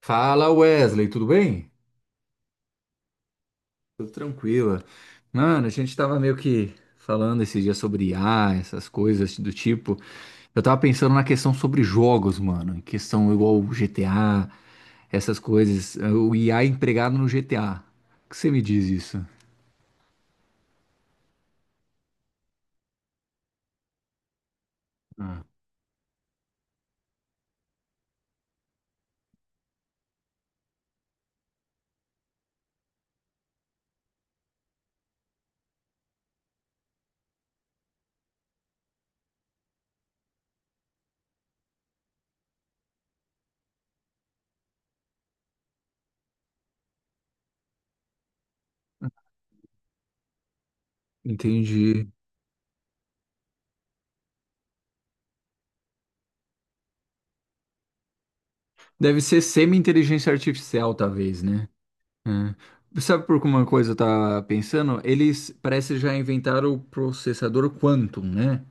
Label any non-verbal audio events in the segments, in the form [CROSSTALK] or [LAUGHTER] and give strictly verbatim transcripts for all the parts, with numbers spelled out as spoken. Fala Wesley, tudo bem? Tudo tranquila. Mano, a gente tava meio que falando esse dia sobre I A, essas coisas do tipo. Eu tava pensando na questão sobre jogos, mano. em Questão igual o G T A, essas coisas. O I A empregado no G T A. O que você me diz isso? Ah, entendi. Deve ser semi-inteligência artificial, talvez, né? É. Sabe por que uma coisa eu tava pensando? Eles parece já inventaram o processador Quantum, né?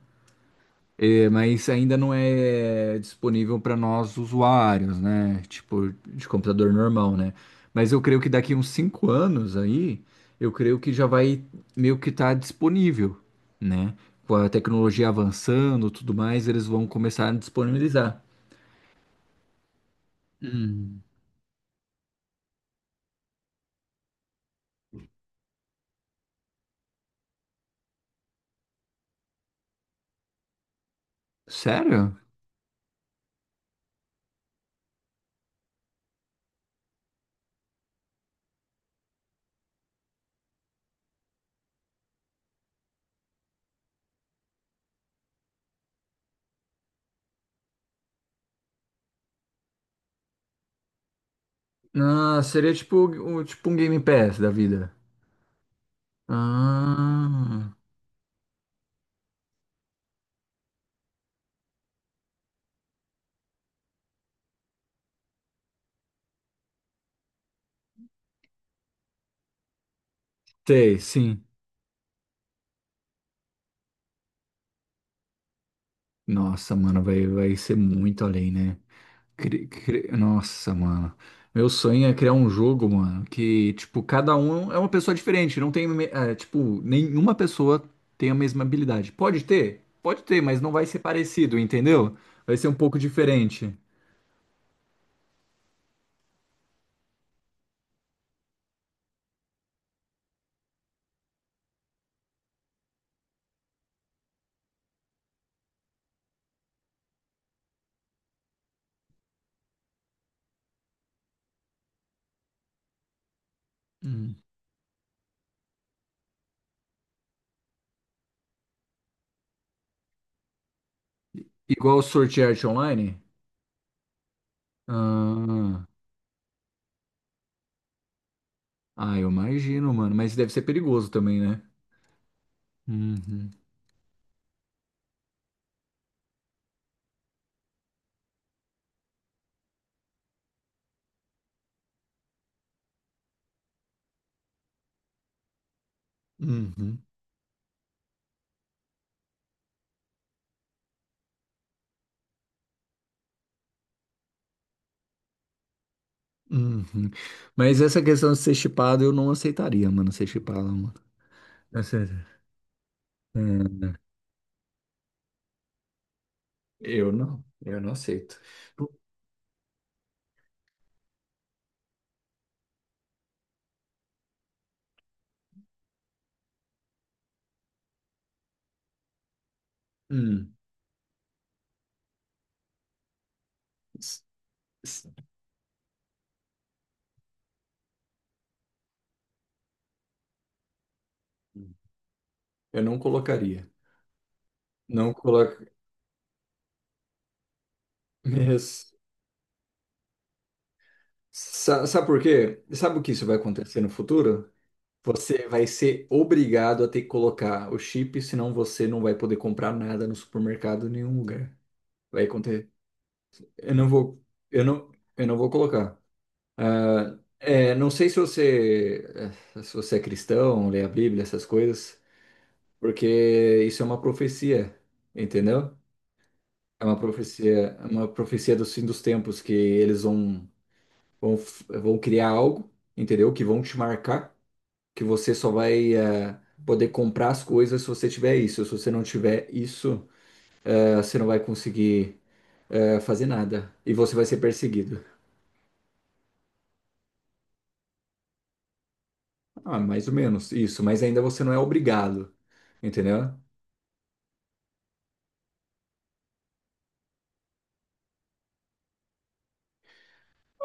É, mas ainda não é disponível para nós usuários, né? Tipo, de computador normal, né? Mas eu creio que daqui uns cinco anos aí, eu creio que já vai meio que estar disponível, né? Com a tecnologia avançando, tudo mais, eles vão começar a disponibilizar. Hum. Sério? Ah, seria tipo, um- tipo um Game Pass da vida. Ah, sei, sim. Nossa, mano, vai, vai ser muito além, né? Cri- cri- Nossa, mano. Meu sonho é criar um jogo, mano, que, tipo, cada um é uma pessoa diferente. Não tem, me- é, tipo, nenhuma pessoa tem a mesma habilidade. Pode ter? Pode ter, mas não vai ser parecido, entendeu? Vai ser um pouco diferente. Hum. Igual o Sword Art Online? Ah, ah, eu imagino, mano. Mas deve ser perigoso também, né? Uhum, uhum, uhum. Mas essa questão de ser chipado, eu não aceitaria, mano, ser chipado, mano. Aceita. É. Eu não, eu não aceito. Hum, s- s- eu não colocaria. Não coloca. [LAUGHS] Mas, sa- sabe por quê? Sabe o que isso vai acontecer no futuro? Você vai ser obrigado a ter que colocar o chip, senão você não vai poder comprar nada no supermercado em nenhum lugar. Vai acontecer. Eu não vou, eu não, eu não vou colocar. Ah, é, não sei se você, eh, se você é cristão, lê a Bíblia, essas coisas, porque isso é uma profecia, entendeu? É uma profecia, é uma profecia do fim dos tempos, que eles vão, vão, f- vão criar algo, entendeu? Que vão te marcar, que você só vai eh, poder comprar as coisas se você tiver isso. Se você não tiver isso, eh, você não vai conseguir eh, fazer nada. E você vai ser perseguido. Ah, mais ou menos isso, mas ainda você não é obrigado, entendeu?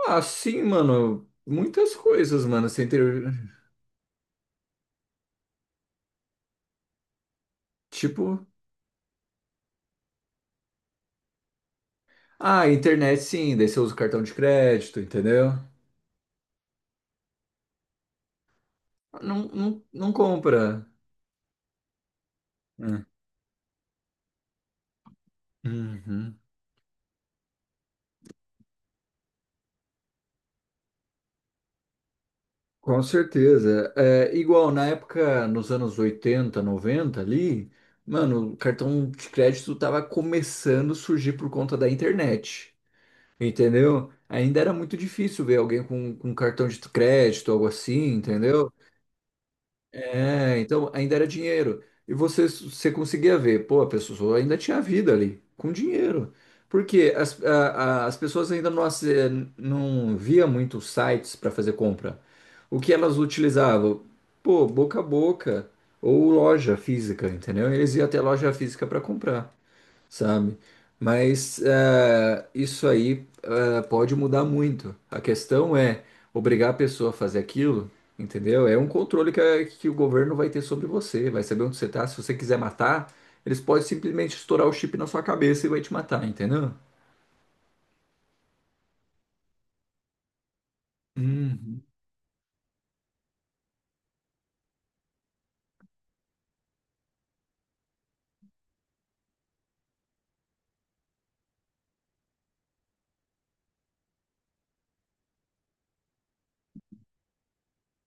Ah, sim, mano. Muitas coisas, mano. Você inter... Tipo, ah, internet sim, daí você usa o cartão de crédito, entendeu? Não, não, não compra. Né? Uhum. Com certeza. É, é igual na época, nos anos oitenta noventa ali, mano, o cartão de crédito tava começando a surgir por conta da internet. Entendeu? Ainda era muito difícil ver alguém com, com cartão de crédito, algo assim, entendeu? É, então ainda era dinheiro. E você, você conseguia ver, pô, a pessoa ainda tinha vida ali, com dinheiro. Porque as, a- a- as pessoas ainda não, ace- não via muitos sites para fazer compra. O que elas utilizavam? Pô, boca a boca ou loja física, entendeu? Eles iam até loja física para comprar, sabe? Mas eh, isso aí eh, pode mudar muito. A questão é obrigar a pessoa a fazer aquilo, entendeu? É um controle que, a- que o governo vai ter sobre você, vai saber onde você tá. Se você quiser matar, eles podem simplesmente estourar o chip na sua cabeça e vai te matar, entendeu? Uhum.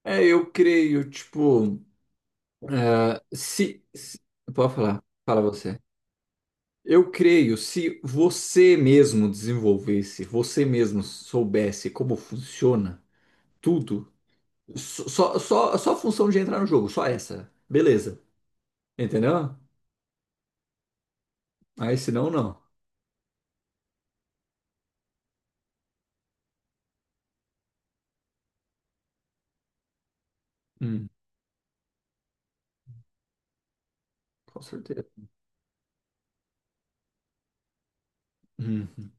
É, eu creio, tipo, eh, se, se- Pode falar, fala você. Eu creio, se você mesmo desenvolvesse, você mesmo soubesse como funciona, tudo. Só, só, só só a função de entrar no jogo, só essa. Beleza. Entendeu? Aí se não, não. Hum, com certeza. Uhum,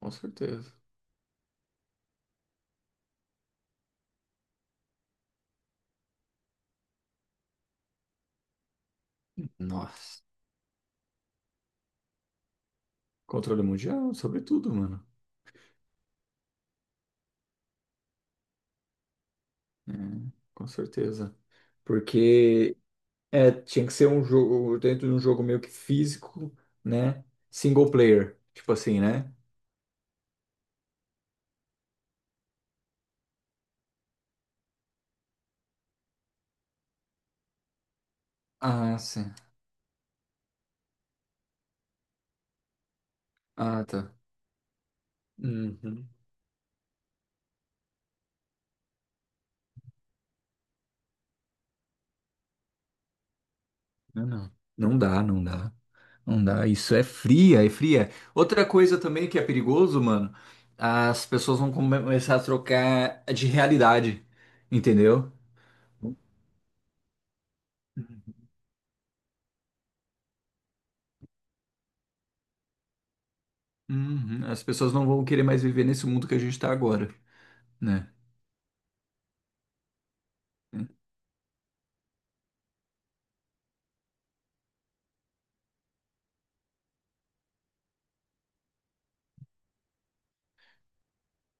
com certeza. Nossa. Controle mundial, sobretudo, mano. É, com certeza. Porque é, tinha que ser um jogo dentro de um jogo meio que físico, né? Single player. Tipo assim, né? Ah, sim. Ah, tá. Uhum. Não, não. Não dá, não dá. Não dá, isso é fria, é fria. Outra coisa também que é perigoso, mano, as pessoas vão começar a trocar de realidade, entendeu? Uhum. As pessoas não vão querer mais viver nesse mundo que a gente tá agora, né?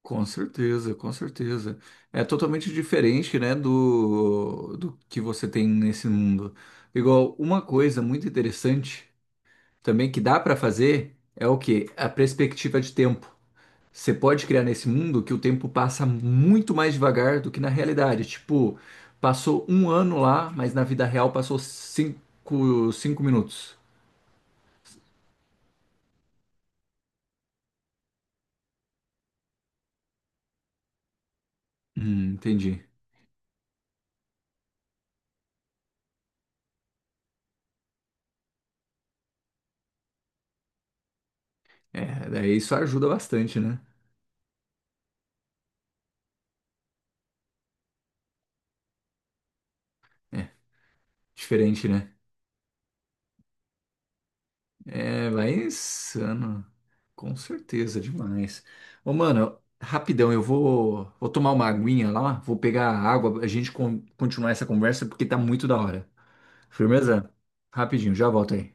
Com certeza, com certeza. É totalmente diferente, né, do, do que você tem nesse mundo. Igual, uma coisa muito interessante também que dá pra fazer é o quê? A perspectiva de tempo. Você pode criar nesse mundo que o tempo passa muito mais devagar do que na realidade. Tipo, passou um ano lá, mas na vida real passou cinco, cinco minutos. Hum, entendi. É, daí isso ajuda bastante, né? É, diferente, né? É, vai insano. Com certeza, demais. Ô, mano, rapidão, eu vou, vou tomar uma aguinha lá, vou pegar a água, a gente con- continuar essa conversa porque tá muito da hora. Firmeza? Rapidinho, já volto aí.